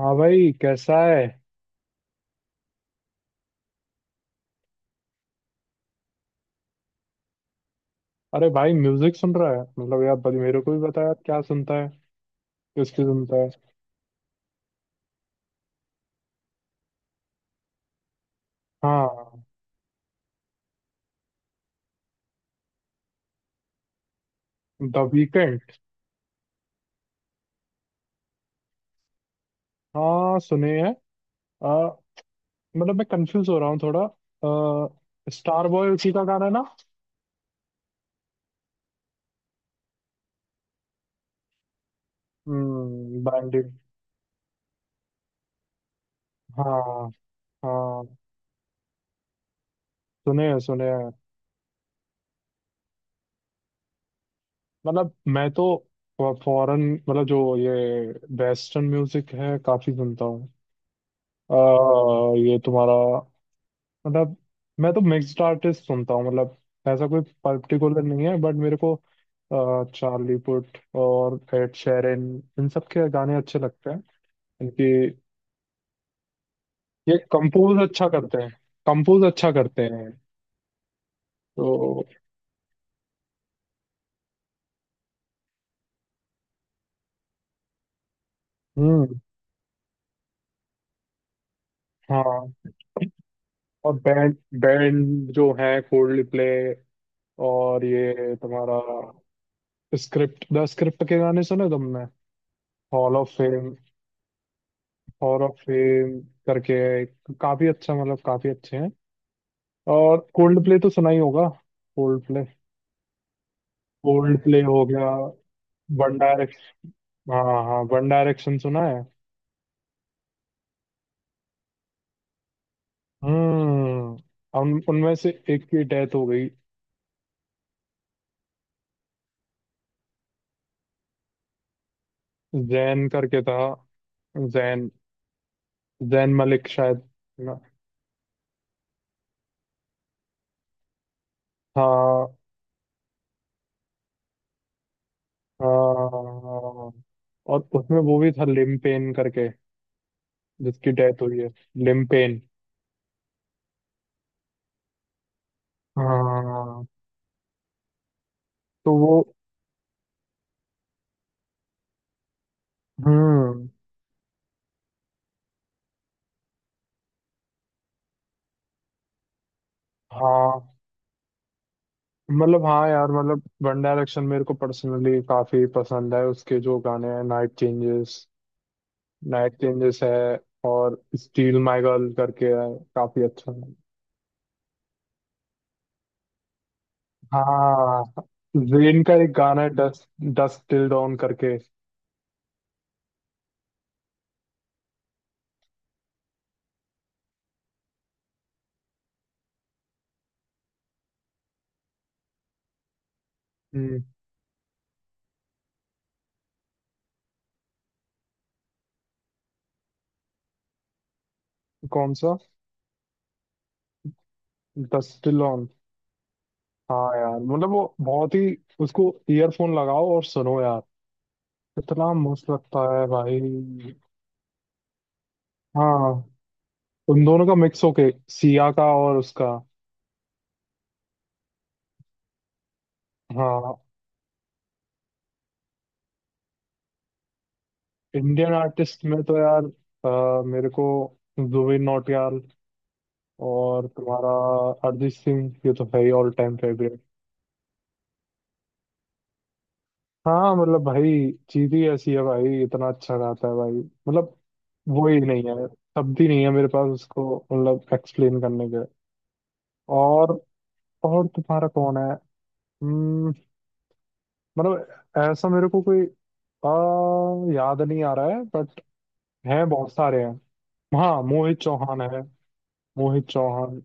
हाँ भाई, कैसा है? अरे भाई, म्यूजिक सुन रहा है मतलब यार, बड़ी मेरे को भी बता यार, क्या सुनता है? किसकी सुनता है? हाँ, द वीकेंड। हाँ, सुने हैं। आ, मतलब मैं कंफ्यूज हो रहा हूँ थोड़ा। आ, स्टार बॉय उसी का गाना है ना? हम्म, बैंडिट। हाँ हाँ, सुने हैं, सुने हैं। मतलब मैं तो फॉरेन, मतलब जो ये वेस्टर्न म्यूजिक है काफी सुनता हूँ। आ, ये तुम्हारा, मतलब मैं तो मिक्स्ड आर्टिस्ट सुनता हूँ, मतलब ऐसा कोई पर्टिकुलर नहीं है, बट मेरे को चार्ली पुट और एड शेरन, इन सब के गाने अच्छे लगते हैं। इनकी ये कंपोज अच्छा करते हैं, कंपोज अच्छा करते हैं तो। हम्म। हाँ, और बैंड बैंड जो है, कोल्ड प्ले। और ये तुम्हारा स्क्रिप्ट, द स्क्रिप्ट के गाने सुने तुमने? Hall of fame, hall of fame करके काफी अच्छा, मतलब काफी अच्छे हैं। और कोल्ड प्ले तो सुना ही होगा। कोल्ड प्ले, कोल्ड प्ले हो गया। One direction. हाँ हाँ, वन डायरेक्शन सुना है। हम्म, उन उनमें से एक की डेथ हो गई। जैन करके था, जैन, जैन मलिक शायद, ना? हाँ हाँ, और उसमें वो भी था लिमपेन करके, जिसकी डेथ हुई है, लिमपेन। हाँ, तो वो। हम्म, हाँ, मतलब हाँ यार, मतलब वन डायरेक्शन मेरे को पर्सनली काफी पसंद है। उसके जो गाने हैं, नाइट चेंजेस, नाइट चेंजेस है, और स्टील माय गर्ल करके है, काफी अच्छा है। हाँ, जेन का एक गाना है डस्ट, डस्ट टिल डॉन करके। हम्म, कौन सा? Dusk till dawn. हाँ यार, मतलब वो बहुत ही, उसको ईयरफोन लगाओ और सुनो यार, इतना मस्त लगता है भाई। हाँ, उन दोनों का मिक्स होके, सिया का और उसका। हाँ। इंडियन आर्टिस्ट में तो यार मेरे को जुबिन नौटियाल, और तुम्हारा अरिजीत सिंह, ये तो है ही ऑल टाइम फेवरेट। हाँ, मतलब भाई चीज ही ऐसी है भाई, इतना अच्छा गाता है भाई, मतलब वो ही नहीं है, शब्द ही नहीं है मेरे पास उसको, मतलब एक्सप्लेन करने के। और और तुम्हारा कौन है? हम्म, मतलब ऐसा मेरे को कोई याद नहीं आ रहा है, बट हैं, बहुत सारे हैं। हाँ, मोहित चौहान है, मोहित चौहान।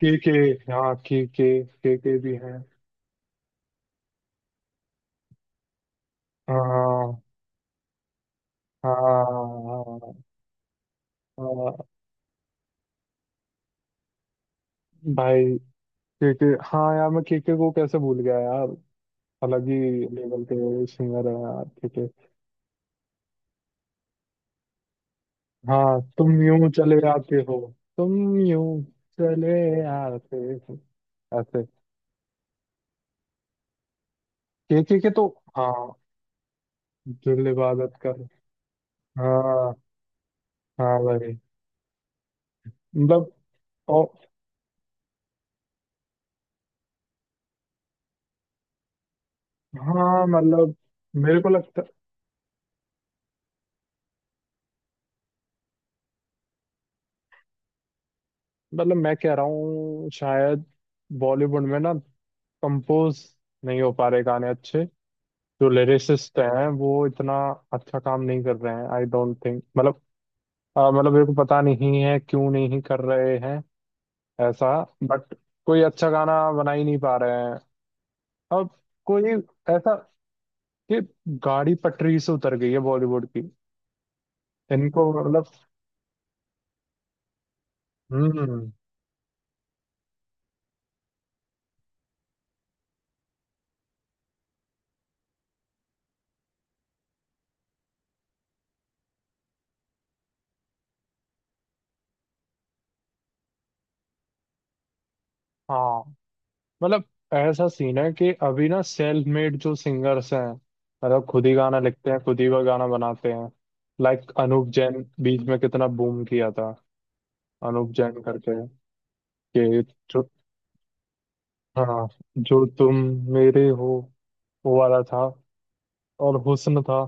के के। हाँ, के, के भी हैं। हाँ हाँ हाँ। हाँ, भाई के, हाँ यार, मैं के को कैसे भूल गया यार, अलग ही लेवल के सिंगर है यार के के। हाँ, तुम यूं चले आते हो, तुम यूं चले आते हो, ऐसे। के तो, हाँ, दिल इबादत कर। हाँ, हाँ भाई, मतलब। और हाँ, मतलब मेरे को लगता, मतलब मैं कह रहा हूँ शायद बॉलीवुड में ना, कंपोज नहीं हो पा रहे गाने अच्छे, जो लिरिसिस्ट हैं वो इतना अच्छा काम नहीं कर रहे हैं, आई डोंट थिंक, मतलब मतलब मेरे को पता नहीं है क्यों नहीं कर रहे हैं ऐसा, बट कोई अच्छा गाना बना ही नहीं पा रहे हैं अब, कोई ऐसा कि गाड़ी पटरी से उतर गई है बॉलीवुड की। इनको मतलब। हम्म, हाँ, मतलब ऐसा सीन है कि अभी ना, सेल्फ मेड जो सिंगर्स हैं, मतलब खुद ही गाना लिखते हैं, खुद ही वो गाना बनाते हैं, लाइक अनूप जैन, बीच में कितना बूम किया था, अनूप जैन करके, कि जो, हाँ, जो तुम मेरे हो, वो वाला था, और हुस्न था।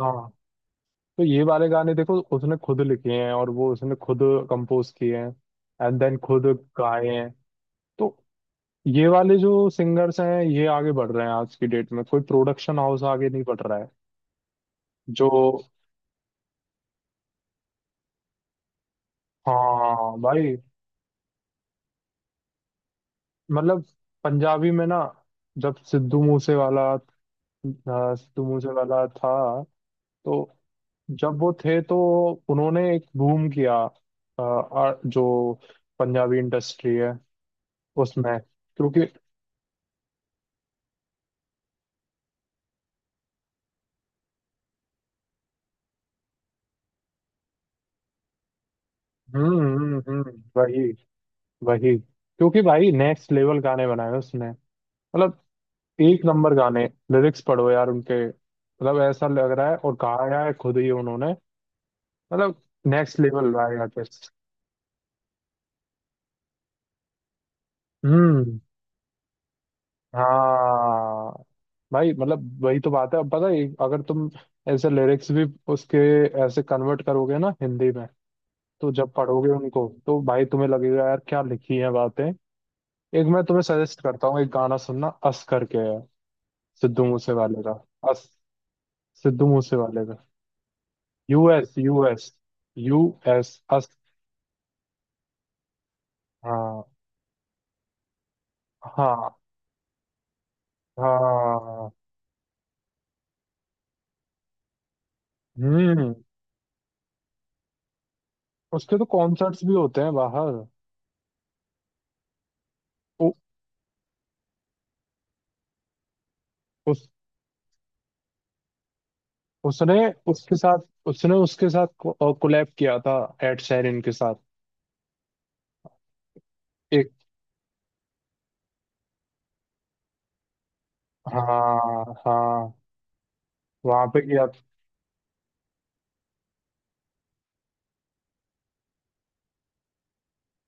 हाँ, तो ये वाले गाने देखो, उसने खुद लिखे हैं, और वो उसने खुद कंपोज किए हैं, एंड देन खुद गाए हैं। तो ये वाले जो सिंगर्स हैं ये आगे बढ़ रहे हैं, आज की डेट में कोई प्रोडक्शन हाउस आगे नहीं बढ़ रहा है। जो। हाँ भाई, मतलब पंजाबी में ना, जब सिद्धू मूसे वाला, सिद्धू मूसे वाला था, तो, जब वो थे तो, उन्होंने एक बूम किया जो पंजाबी इंडस्ट्री है उसमें, क्योंकि, वही वही, क्योंकि भाई नेक्स्ट लेवल गाने बनाए उसने, मतलब एक नंबर गाने, लिरिक्स पढ़ो यार उनके, मतलब ऐसा लग रहा है, और गाया है खुद ही उन्होंने, मतलब नेक्स्ट लेवल भाई आर्टिस्ट। हम्म, हाँ भाई, मतलब वही तो बात है, अब पता है अगर तुम ऐसे लिरिक्स भी उसके ऐसे कन्वर्ट करोगे ना हिंदी में, तो जब पढ़ोगे उनको तो भाई तुम्हें लगेगा यार क्या लिखी है बातें। एक मैं तुम्हें सजेस्ट करता हूँ एक गाना सुनना, अस करके है, सिद्धू मूसे वाले का, अस, सिद्धू मूसे वाले का। US, US, US. हाँ हाँ हाँ। हम्म, उसके तो कॉन्सर्ट्स भी होते हैं बाहर। उ, उस उसने उसके साथ, कोलैब किया था एड शेरिन के साथ, एक। हाँ हाँ, वहां पे किया था।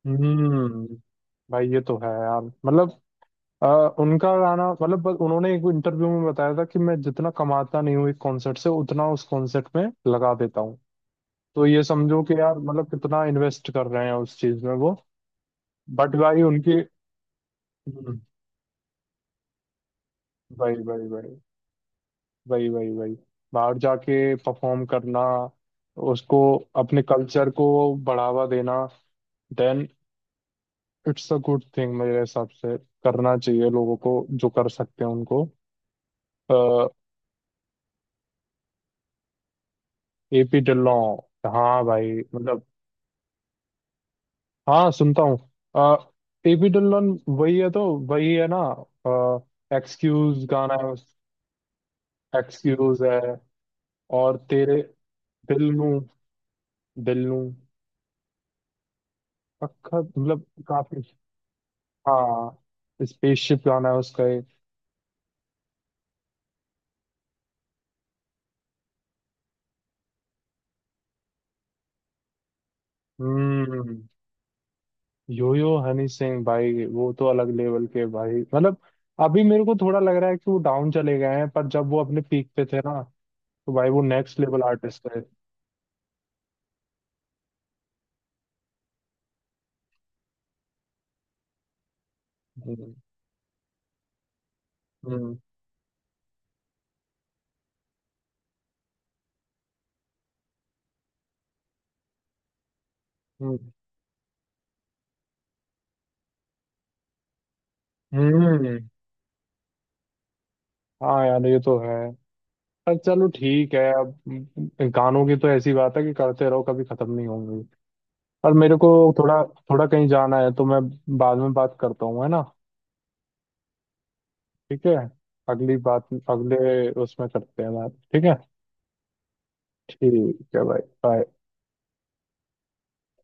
हम्म, भाई ये तो है यार, मतलब अ, उनका गाना, मतलब बस उन्होंने एक इंटरव्यू में बताया था कि मैं जितना कमाता नहीं हूँ एक कॉन्सर्ट से, उतना उस कॉन्सर्ट में लगा देता हूँ। तो ये समझो कि यार, मतलब कितना इन्वेस्ट कर रहे हैं उस चीज में वो। बट भाई उनकी। हम्म, वही वही वही, वही वही वही, बाहर जाके परफॉर्म करना, उसको, अपने कल्चर को बढ़ावा देना, then, it's a good thing मेरे हिसाब से, करना चाहिए लोगों को, जो कर सकते हैं उनको। एपी ढिल्लों। हाँ भाई, मतलब, हाँ, सुनता हूँ। एपी ढिल्लों वही है तो, वही है ना, एक्सक्यूज गाना है, एक्सक्यूज है। और तेरे दिल नू, दिल नू पक्का, मतलब काफी। हाँ, स्पेसशिप गाना है उसका एक। हम्म, यो यो हनी सिंह भाई, वो तो अलग लेवल के भाई, मतलब अभी मेरे को थोड़ा लग रहा है कि वो डाउन चले गए हैं, पर जब वो अपने पीक पे थे ना, तो भाई वो नेक्स्ट लेवल आर्टिस्ट है। हम्म हम्म हम्म, हाँ यार ये तो है, पर चलो, ठीक है, अब गानों की तो ऐसी बात है कि करते रहो, कभी खत्म नहीं होंगी। पर मेरे को थोड़ा, थोड़ा कहीं जाना है तो मैं बाद में बात करता हूँ, है ना? ठीक है, अगली बात, अगले उसमें करते हैं बात, ठीक है? ठीक है भाई, बाय।